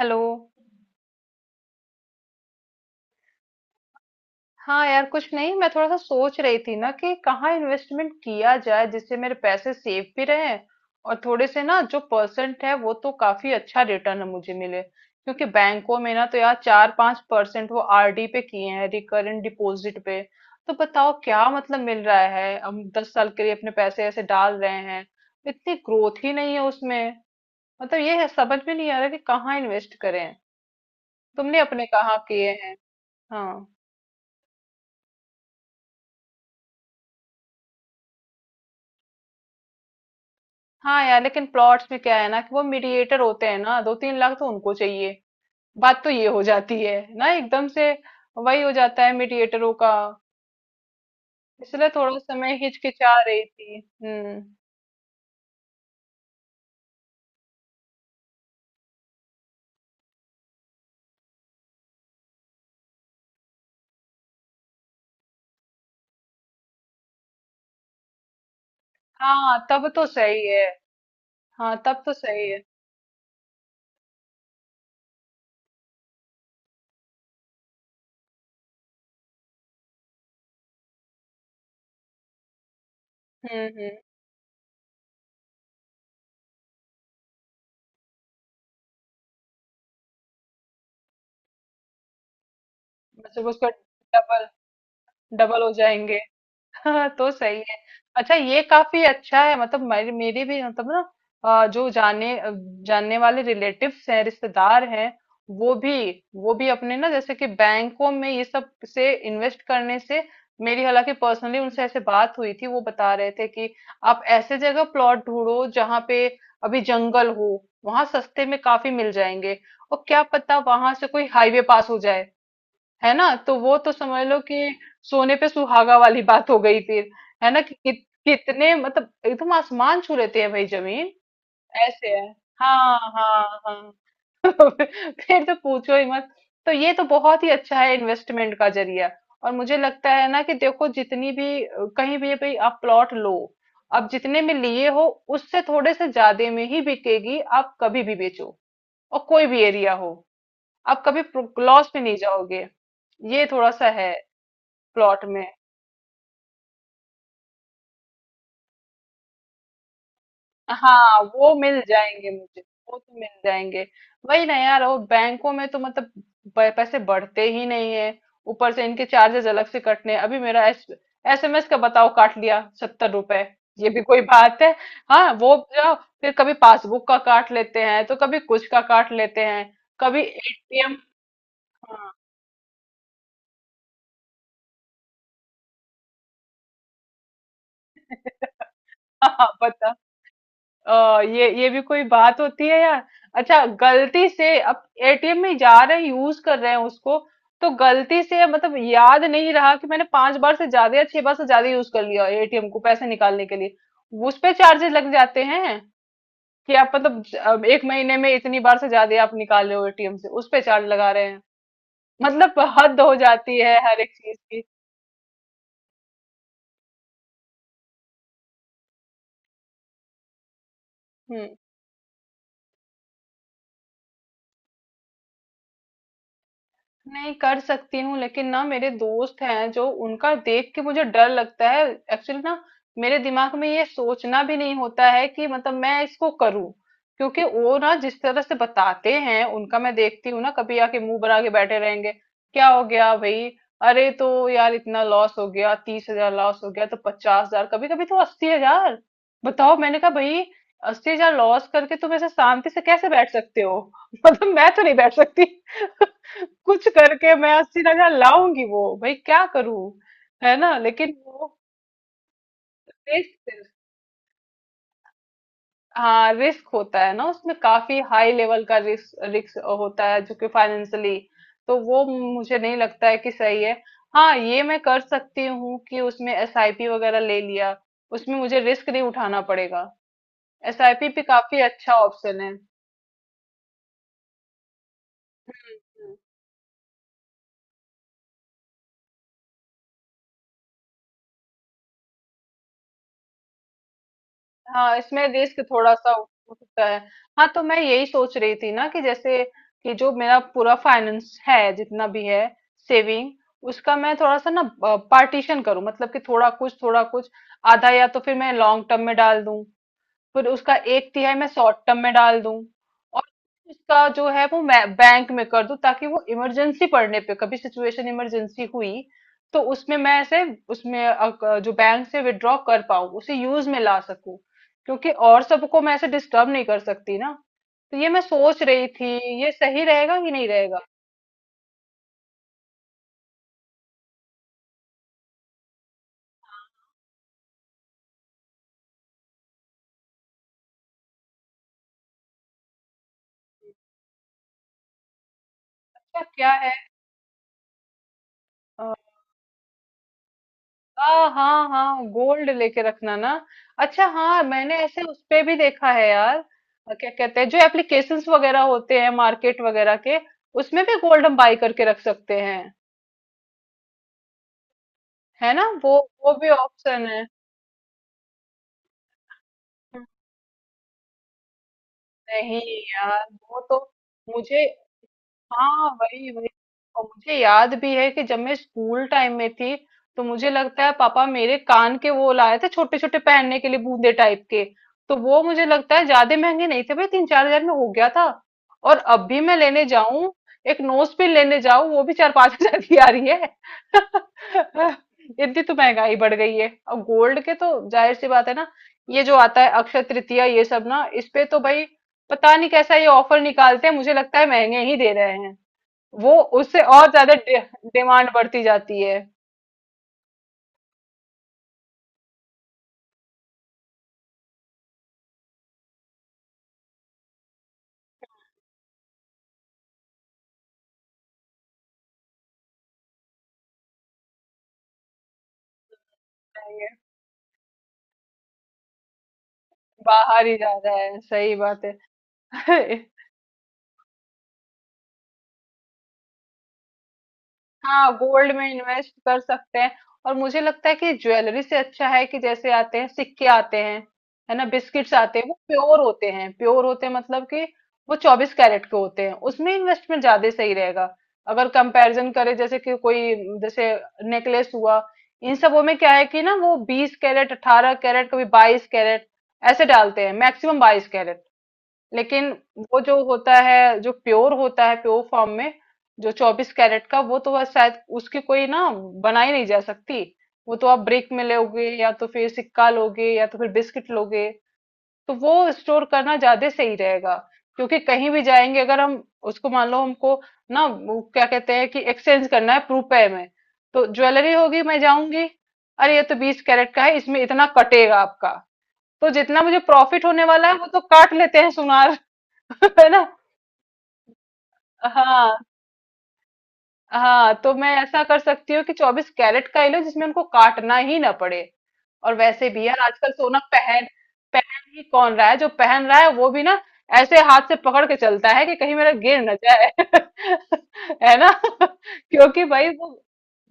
Hello. हाँ यार, कुछ नहीं। मैं थोड़ा सा सोच रही थी ना कि कहाँ इन्वेस्टमेंट किया जाए जिससे मेरे पैसे सेफ भी रहे और थोड़े से ना जो परसेंट है वो तो काफी अच्छा रिटर्न मुझे मिले, क्योंकि बैंकों में ना तो यार 4-5 परसेंट वो आरडी पे किए हैं, रिकरेंट डिपॉजिट पे। तो बताओ क्या मतलब मिल रहा है। हम 10 साल के लिए अपने पैसे ऐसे डाल रहे हैं, इतनी ग्रोथ ही नहीं है उसमें। मतलब ये है, समझ में नहीं आ रहा कि कहाँ इन्वेस्ट करें। तुमने अपने कहाँ किए हैं? हाँ। हाँ यार, लेकिन प्लॉट्स में क्या है ना कि वो मीडिएटर होते हैं ना, 2-3 लाख तो उनको चाहिए। बात तो ये हो जाती है ना एकदम से। वही हो जाता है मीडिएटरों का। इसलिए थोड़ा समय हिचकिचा रही थी। हम्म। हाँ तब तो सही है। हाँ तब तो सही है। हम्म। मतलब उसका डबल। डबल हो जाएंगे। हाँ तो सही है। अच्छा ये काफी अच्छा है, मतलब मेरी मेरी भी मतलब ना, जो जानने वाले रिलेटिव्स हैं, रिश्तेदार हैं, वो भी वो भी अपने ना जैसे कि बैंकों में ये सब से इन्वेस्ट करने से। मेरी हालांकि पर्सनली उनसे ऐसे बात हुई थी, वो बता रहे थे कि आप ऐसे जगह प्लॉट ढूंढो जहाँ पे अभी जंगल हो, वहां सस्ते में काफी मिल जाएंगे। और क्या पता वहां से कोई हाईवे पास हो जाए, है ना, तो वो तो समझ लो कि सोने पे सुहागा वाली बात हो गई फिर। है ना कि कितने, मतलब एकदम आसमान छू लेती है भाई जमीन। ऐसे है। हाँ हाँ हाँ। फिर तो पूछो ही मत। तो ये तो बहुत ही अच्छा है इन्वेस्टमेंट का जरिया। और मुझे लगता है ना कि देखो जितनी भी कहीं भी भाई आप प्लॉट लो, आप जितने में लिए हो उससे थोड़े से ज्यादा में ही बिकेगी। आप कभी भी बेचो और कोई भी एरिया हो, आप कभी लॉस में नहीं जाओगे। ये थोड़ा सा है प्लॉट में। हाँ, वो मिल जाएंगे मुझे, वो तो मिल जाएंगे। वही ना यार, वो बैंकों में तो मतलब पैसे बढ़ते ही नहीं है। ऊपर से इनके चार्जेस अलग से कटने हैं। अभी मेरा एस एसएमएस का बताओ काट लिया 70 रुपए। ये भी कोई बात है। हाँ वो जाओ। फिर कभी पासबुक का काट लेते हैं तो कभी कुछ का काट लेते हैं, कभी एटीएम। हाँ, बताओ। ये भी कोई बात होती है यार। अच्छा, गलती से अब एटीएम में जा रहे हैं, यूज कर रहे हैं उसको, तो गलती से मतलब याद नहीं रहा कि मैंने 5 बार से ज्यादा या 6 बार से ज्यादा यूज कर लिया एटीएम को पैसे निकालने के लिए। उस पे चार्जेस लग जाते हैं कि आप मतलब अब एक महीने में इतनी बार से ज्यादा आप निकाल रहे हो एटीएम से, उस पे चार्ज लगा रहे हैं। मतलब हद हो जाती है हर एक चीज की। हम्म। नहीं कर सकती हूँ, लेकिन ना मेरे दोस्त हैं जो, उनका देख के मुझे डर लगता है। एक्चुअली ना, मेरे दिमाग में ये सोचना भी नहीं होता है कि मतलब मैं इसको करूँ, क्योंकि वो ना जिस तरह से बताते हैं, उनका मैं देखती हूँ ना, कभी आके मुंह बना के बैठे रहेंगे। क्या हो गया भाई? अरे तो यार इतना लॉस हो गया, 30 हजार लॉस हो गया, तो 50 हजार, कभी कभी तो 80 हजार। बताओ। मैंने कहा भाई, 80 हजार लॉस करके तुम ऐसे शांति से कैसे बैठ सकते हो? मतलब मैं तो नहीं बैठ सकती। कुछ करके मैं 80 हजार लाऊंगी वो, भाई क्या करूं। है ना, लेकिन वो रिस्क। हाँ, रिस्क होता है ना उसमें, काफी हाई लेवल का रिस्क रिस्क होता है जो कि फाइनेंशियली। तो वो मुझे नहीं लगता है कि सही है। हाँ, ये मैं कर सकती हूँ कि उसमें एसआईपी वगैरह ले लिया, उसमें मुझे रिस्क नहीं उठाना पड़ेगा। एसआईपी भी काफी अच्छा ऑप्शन है। हाँ, इसमें रिस्क थोड़ा सा हो सकता है। हाँ तो मैं यही सोच रही थी ना कि जैसे कि जो मेरा पूरा फाइनेंस है जितना भी है, सेविंग, उसका मैं थोड़ा सा ना पार्टीशन करूं, मतलब कि थोड़ा कुछ थोड़ा कुछ। आधा या तो फिर मैं लॉन्ग टर्म में डाल दूं, फिर उसका एक तिहाई मैं शॉर्ट टर्म में डाल दूं, और उसका जो है वो मैं बैंक में कर दूं, ताकि वो इमरजेंसी पड़ने पे कभी सिचुएशन इमरजेंसी हुई तो उसमें मैं ऐसे उसमें जो बैंक से विड्रॉ कर पाऊं उसे यूज में ला सकूं, क्योंकि और सबको मैं ऐसे डिस्टर्ब नहीं कर सकती ना। तो ये मैं सोच रही थी, ये सही रहेगा कि नहीं रहेगा? क्या क्या है? हाँ हाँ हाँ, गोल्ड लेके रखना ना। अच्छा हाँ, मैंने ऐसे उस पे भी देखा है यार। क्या कहते हैं, जो एप्लीकेशंस वगैरह होते हैं मार्केट वगैरह के, उसमें भी गोल्ड हम बाई करके रख सकते हैं। है ना वो भी ऑप्शन है। नहीं यार, वो तो मुझे। हाँ, वही वही। और मुझे याद भी है कि जब मैं स्कूल टाइम में थी, तो मुझे लगता है पापा मेरे कान के वो लाए थे, छोटे छोटे पहनने के लिए बूंदे टाइप के। तो वो मुझे लगता है ज्यादा महंगे नहीं थे भाई, 3-4 हजार में हो गया था। और अब भी मैं लेने जाऊं, एक नोज पिन लेने जाऊं वो भी 4-5 हजार की आ रही है। इतनी तो महंगाई बढ़ गई है, और गोल्ड के तो जाहिर सी बात है ना। ये जो आता है अक्षय तृतीया, ये सब ना इस पे तो भाई पता नहीं कैसा ये ऑफर निकालते हैं, मुझे लगता है महंगे ही दे रहे हैं वो, उससे और ज्यादा डिमांड बढ़ती जाती है। बाहर ही जा रहा है, सही बात है। हाँ, गोल्ड में इन्वेस्ट कर सकते हैं। और मुझे लगता है कि ज्वेलरी से अच्छा है कि जैसे आते हैं सिक्के आते हैं, है ना, बिस्किट्स आते हैं, वो प्योर होते हैं प्योर होते हैं, मतलब कि वो 24 कैरेट के होते हैं, उसमें इन्वेस्टमेंट ज्यादा सही रहेगा। अगर कंपैरिजन करें, जैसे कि कोई जैसे नेकलेस हुआ, इन सबों में क्या है कि ना वो 20 कैरेट 18 कैरेट कभी 22 कैरेट ऐसे डालते हैं, मैक्सिमम 22 कैरेट। लेकिन वो जो होता है जो प्योर होता है प्योर फॉर्म में, जो 24 कैरेट का, वो तो बस शायद उसकी कोई ना बनाई नहीं जा सकती। वो तो आप ब्रिक में लोगे या तो फिर सिक्का लोगे या तो फिर बिस्किट लोगे, तो वो स्टोर करना ज्यादा सही रहेगा। क्योंकि कहीं भी जाएंगे अगर हम उसको मान लो, हमको ना वो क्या कहते हैं कि एक्सचेंज करना है रुपए में, तो ज्वेलरी होगी, मैं जाऊंगी, अरे ये तो 20 कैरेट का है, इसमें इतना कटेगा आपका। तो जितना मुझे प्रॉफिट होने वाला है वो तो काट लेते हैं सुनार। है ना। हाँ। हाँ तो मैं ऐसा कर सकती हूँ कि 24 कैरेट का ही लो जिसमें उनको काटना ही ना पड़े। और वैसे भी यार, आजकल सोना पहन पहन ही कौन रहा है? जो पहन रहा है वो भी ना ऐसे हाथ से पकड़ के चलता है कि कहीं मेरा गिर ना जाए। है ना। क्योंकि भाई वो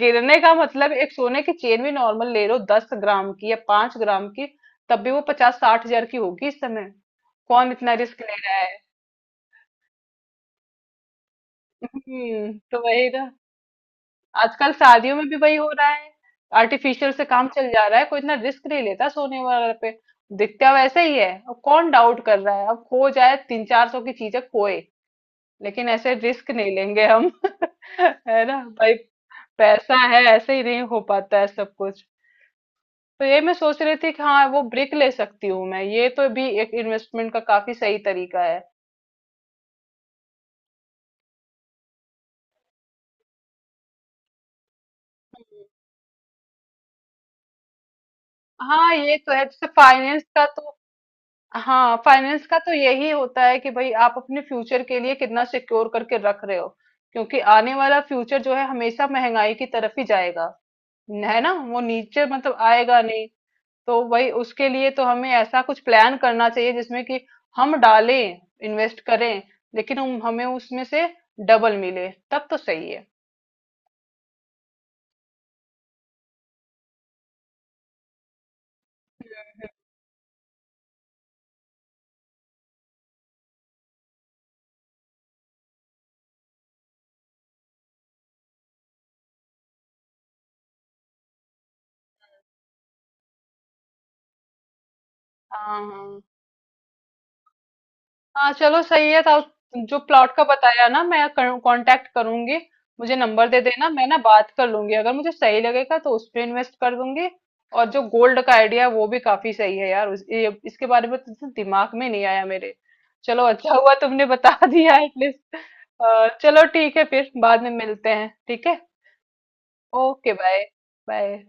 गिरने का मतलब, एक सोने की चेन भी नॉर्मल ले लो 10 ग्राम की या 5 ग्राम की, तब भी वो 50-60 हजार की होगी इस समय। कौन इतना रिस्क ले रहा है? तो वही ना। आजकल शादियों में भी वही हो रहा है, आर्टिफिशियल से काम चल जा रहा है, कोई इतना रिस्क नहीं लेता सोने वगैरह पे। दिखता वैसे ही है, अब कौन डाउट कर रहा है, अब खो जाए, 300-400 की चीजें खोए, लेकिन ऐसे रिस्क नहीं लेंगे हम। है ना भाई। पैसा है, ऐसे ही नहीं हो पाता है सब कुछ। तो ये मैं सोच रही थी कि हाँ, वो ब्रिक ले सकती हूँ मैं, ये तो भी एक इन्वेस्टमेंट का काफी सही तरीका है। हाँ ये तो है, जैसे फाइनेंस का तो। हाँ, फाइनेंस का तो यही होता है कि भाई आप अपने फ्यूचर के लिए कितना सिक्योर करके रख रहे हो, क्योंकि आने वाला फ्यूचर जो है हमेशा महंगाई की तरफ ही जाएगा, है ना, वो नीचे मतलब आएगा नहीं। तो भाई उसके लिए तो हमें ऐसा कुछ प्लान करना चाहिए जिसमें कि हम डालें, इन्वेस्ट करें, लेकिन हम हमें उसमें से डबल मिले तब तो सही है। हाँ हाँ हाँ। चलो सही है तो। जो प्लॉट का बताया ना, मैं कांटेक्ट करूंगी, मुझे नंबर दे देना, मैं ना बात कर लूंगी, अगर मुझे सही लगेगा तो उस पे इन्वेस्ट कर दूंगी। और जो गोल्ड का आइडिया वो भी काफी सही है यार, इसके बारे में तो दिमाग में नहीं आया मेरे। चलो अच्छा हुआ तुमने बता दिया एटलीस्ट। चलो ठीक है, फिर बाद में मिलते हैं। ठीक है। Okay bye. बाय।